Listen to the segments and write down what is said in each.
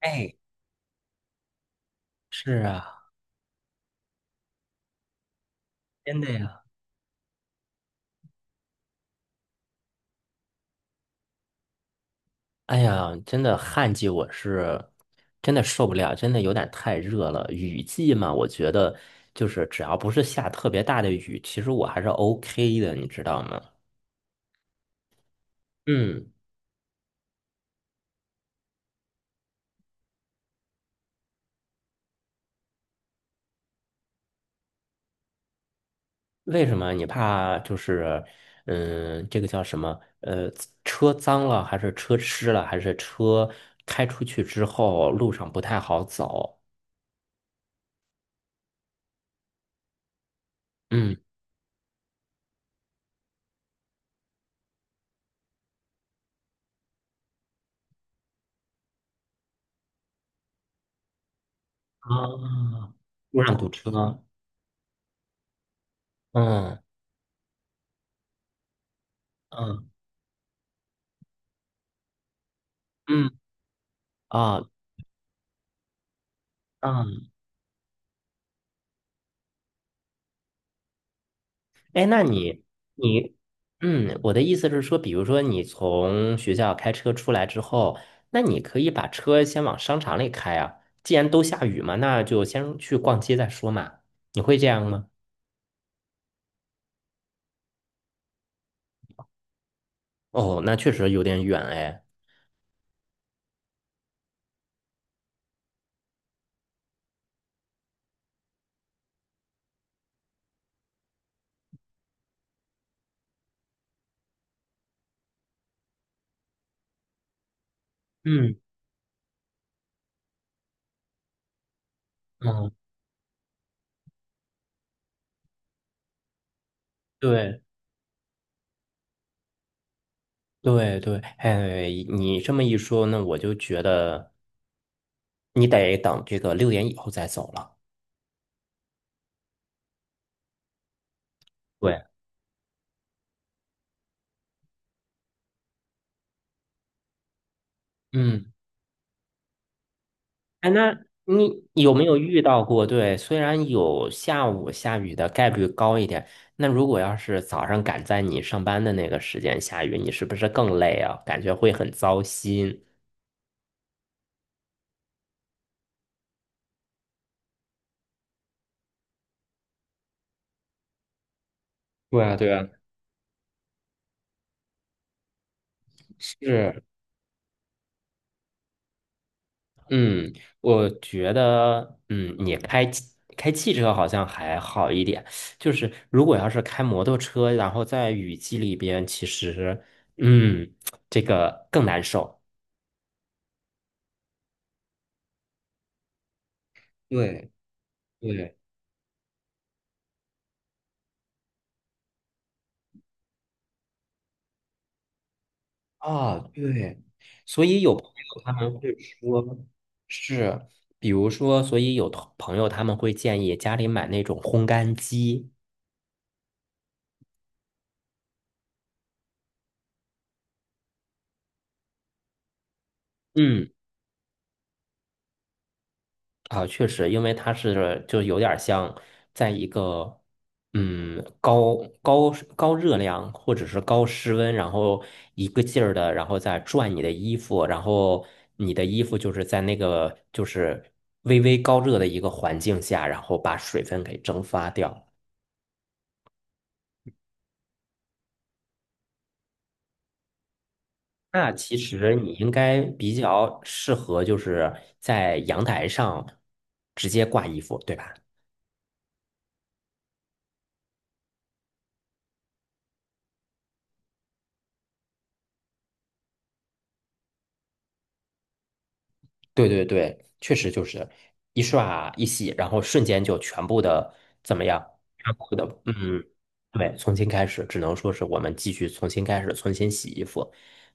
哎，是啊，真的呀，哎呀，真的旱季我是真的受不了，真的有点太热了。雨季嘛，我觉得就是只要不是下特别大的雨，其实我还是 OK 的，你知道吗？嗯，为什么你怕就是这个叫什么？车脏了，还是车湿了，还是车开出去之后路上不太好走？嗯啊，路上堵车。嗯嗯嗯啊，嗯，哎，那你，我的意思是说，比如说你从学校开车出来之后，那你可以把车先往商场里开啊。既然都下雨嘛，那就先去逛街再说嘛。你会这样吗？哦，那确实有点远哎。嗯嗯，对对对，哎，你这么一说，那我就觉得你得等这个6点以后再走了。对，嗯。哎，那你有没有遇到过？对，虽然有下午下雨的概率高一点，那如果要是早上赶在你上班的那个时间下雨，你是不是更累啊？感觉会很糟心。对啊，对啊，是，嗯，我觉得，你开汽车好像还好一点，就是如果要是开摩托车，然后在雨季里边，其实，嗯，这个更难受。对对。啊，对，所以有朋友他们会说，是，比如说，所以有同朋友他们会建议家里买那种烘干机，嗯，啊，确实，因为它是就有点像在一个嗯高高高热量或者是高室温，然后一个劲儿的，然后再转你的衣服，然后你的衣服就是在那个就是微微高热的一个环境下，然后把水分给蒸发掉。那其实你应该比较适合，就是在阳台上直接挂衣服，对吧？对对对，确实就是一刷一洗，然后瞬间就全部的怎么样？全部的，嗯，对，重新开始，只能说是我们继续重新开始，重新洗衣服。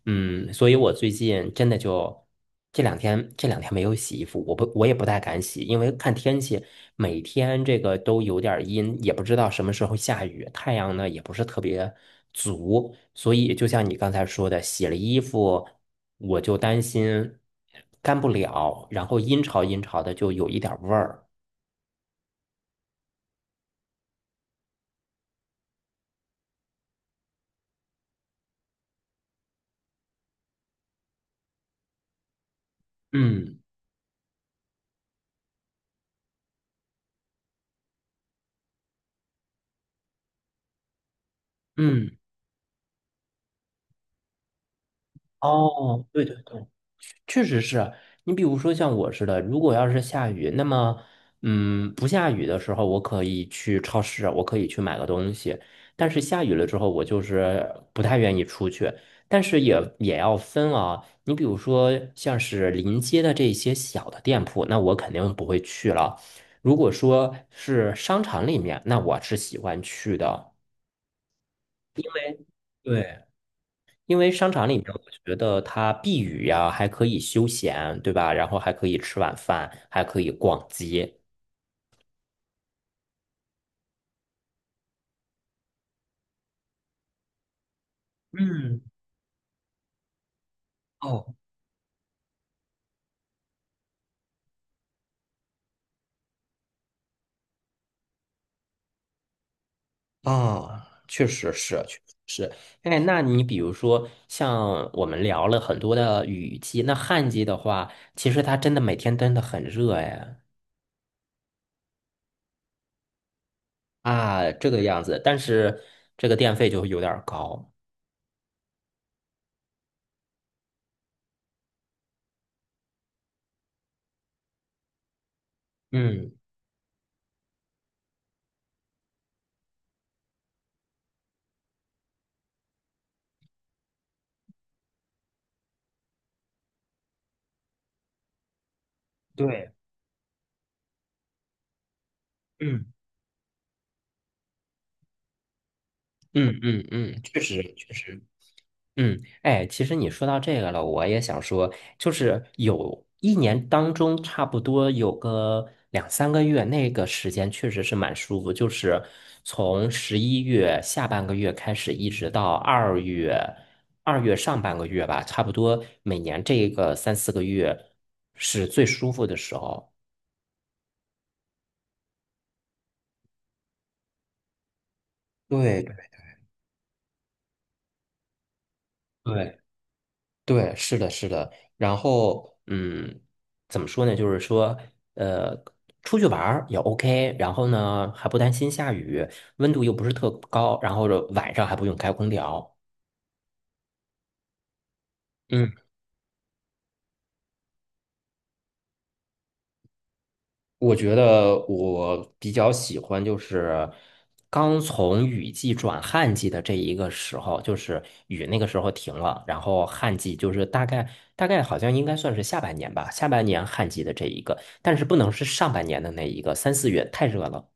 嗯，所以我最近真的就这两天没有洗衣服，我也不太敢洗，因为看天气，每天这个都有点儿阴，也不知道什么时候下雨，太阳呢也不是特别足，所以就像你刚才说的，洗了衣服我就担心干不了，然后阴潮阴潮的就有一点儿味儿。嗯嗯，哦，对对对。确实是啊你比如说像我似的，如果要是下雨，那么，不下雨的时候，我可以去超市，我可以去买个东西。但是下雨了之后，我就是不太愿意出去。但是也要分啊，你比如说像是临街的这些小的店铺，那我肯定不会去了。如果说是商场里面，那我是喜欢去的。对，因为商场里面，我觉得它避雨呀，还可以休闲，对吧？然后还可以吃晚饭，还可以逛街。嗯，哦，啊，确实是，确实是。哎，那你比如说，像我们聊了很多的雨季，那旱季的话，其实它真的每天真的很热哎啊，这个样子。但是这个电费就有点儿高。嗯对，嗯，嗯嗯嗯，确实确实。嗯，哎，其实你说到这个了，我也想说，就是有一年当中，差不多有个两三个月，那个时间确实是蛮舒服，就是从11月下半个月开始，一直到二月，二月上半个月吧，差不多每年这个三四个月是最舒服的时候。对对，对，对，是的，是的。然后，怎么说呢？就是说，呃，出去玩儿也 OK，然后呢，还不担心下雨，温度又不是特高，然后晚上还不用开空调。嗯，我觉得我比较喜欢就是刚从雨季转旱季的这一个时候，就是雨那个时候停了，然后旱季就是大概好像应该算是下半年吧，下半年旱季的这一个，但是不能是上半年的那一个，三四月太热了。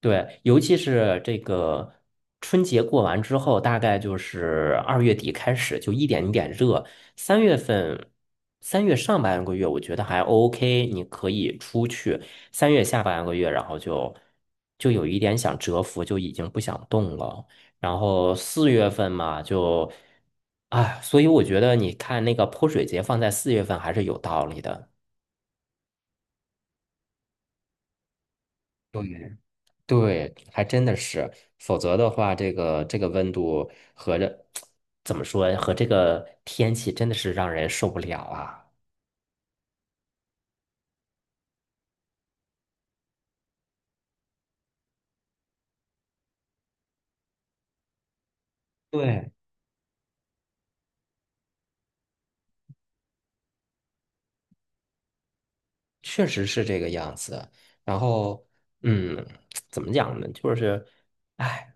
对，尤其是这个春节过完之后，大概就是2月底开始就一点一点热。3月份，三月上半个月我觉得还 OK，你可以出去。三月下半个月，然后就有一点想蛰伏，就已经不想动了。然后四月份嘛，就啊，所以我觉得你看那个泼水节放在四月份还是有道理的。对对，还真的是，否则的话，这个温度怎么说呀，和这个天气真的是让人受不了啊。对，确实是这个样子。然后，嗯，怎么讲呢？就是，哎，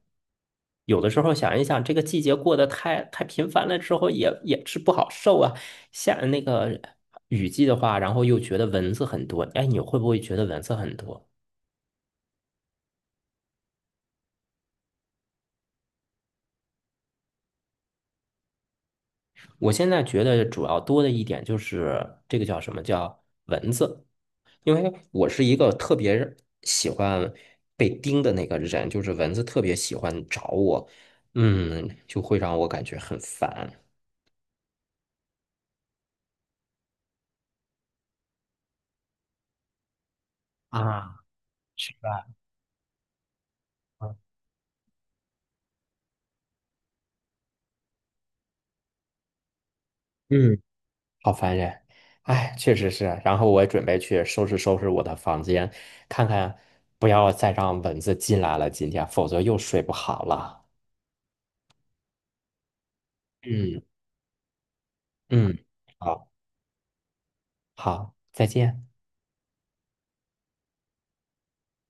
有的时候想一想，这个季节过得太频繁了之后也是不好受啊。下那个雨季的话，然后又觉得蚊子很多。哎，你会不会觉得蚊子很多？我现在觉得主要多的一点就是这个叫什么叫蚊子，因为我是一个特别喜欢被叮的那个人，就是蚊子特别喜欢找我，就会让我感觉很烦，啊，是吧？嗯嗯，好烦人，哎，确实是。然后我也准备去收拾收拾我的房间，看看不要再让蚊子进来了，今天，否则又睡不好了。嗯嗯，好，好，再见。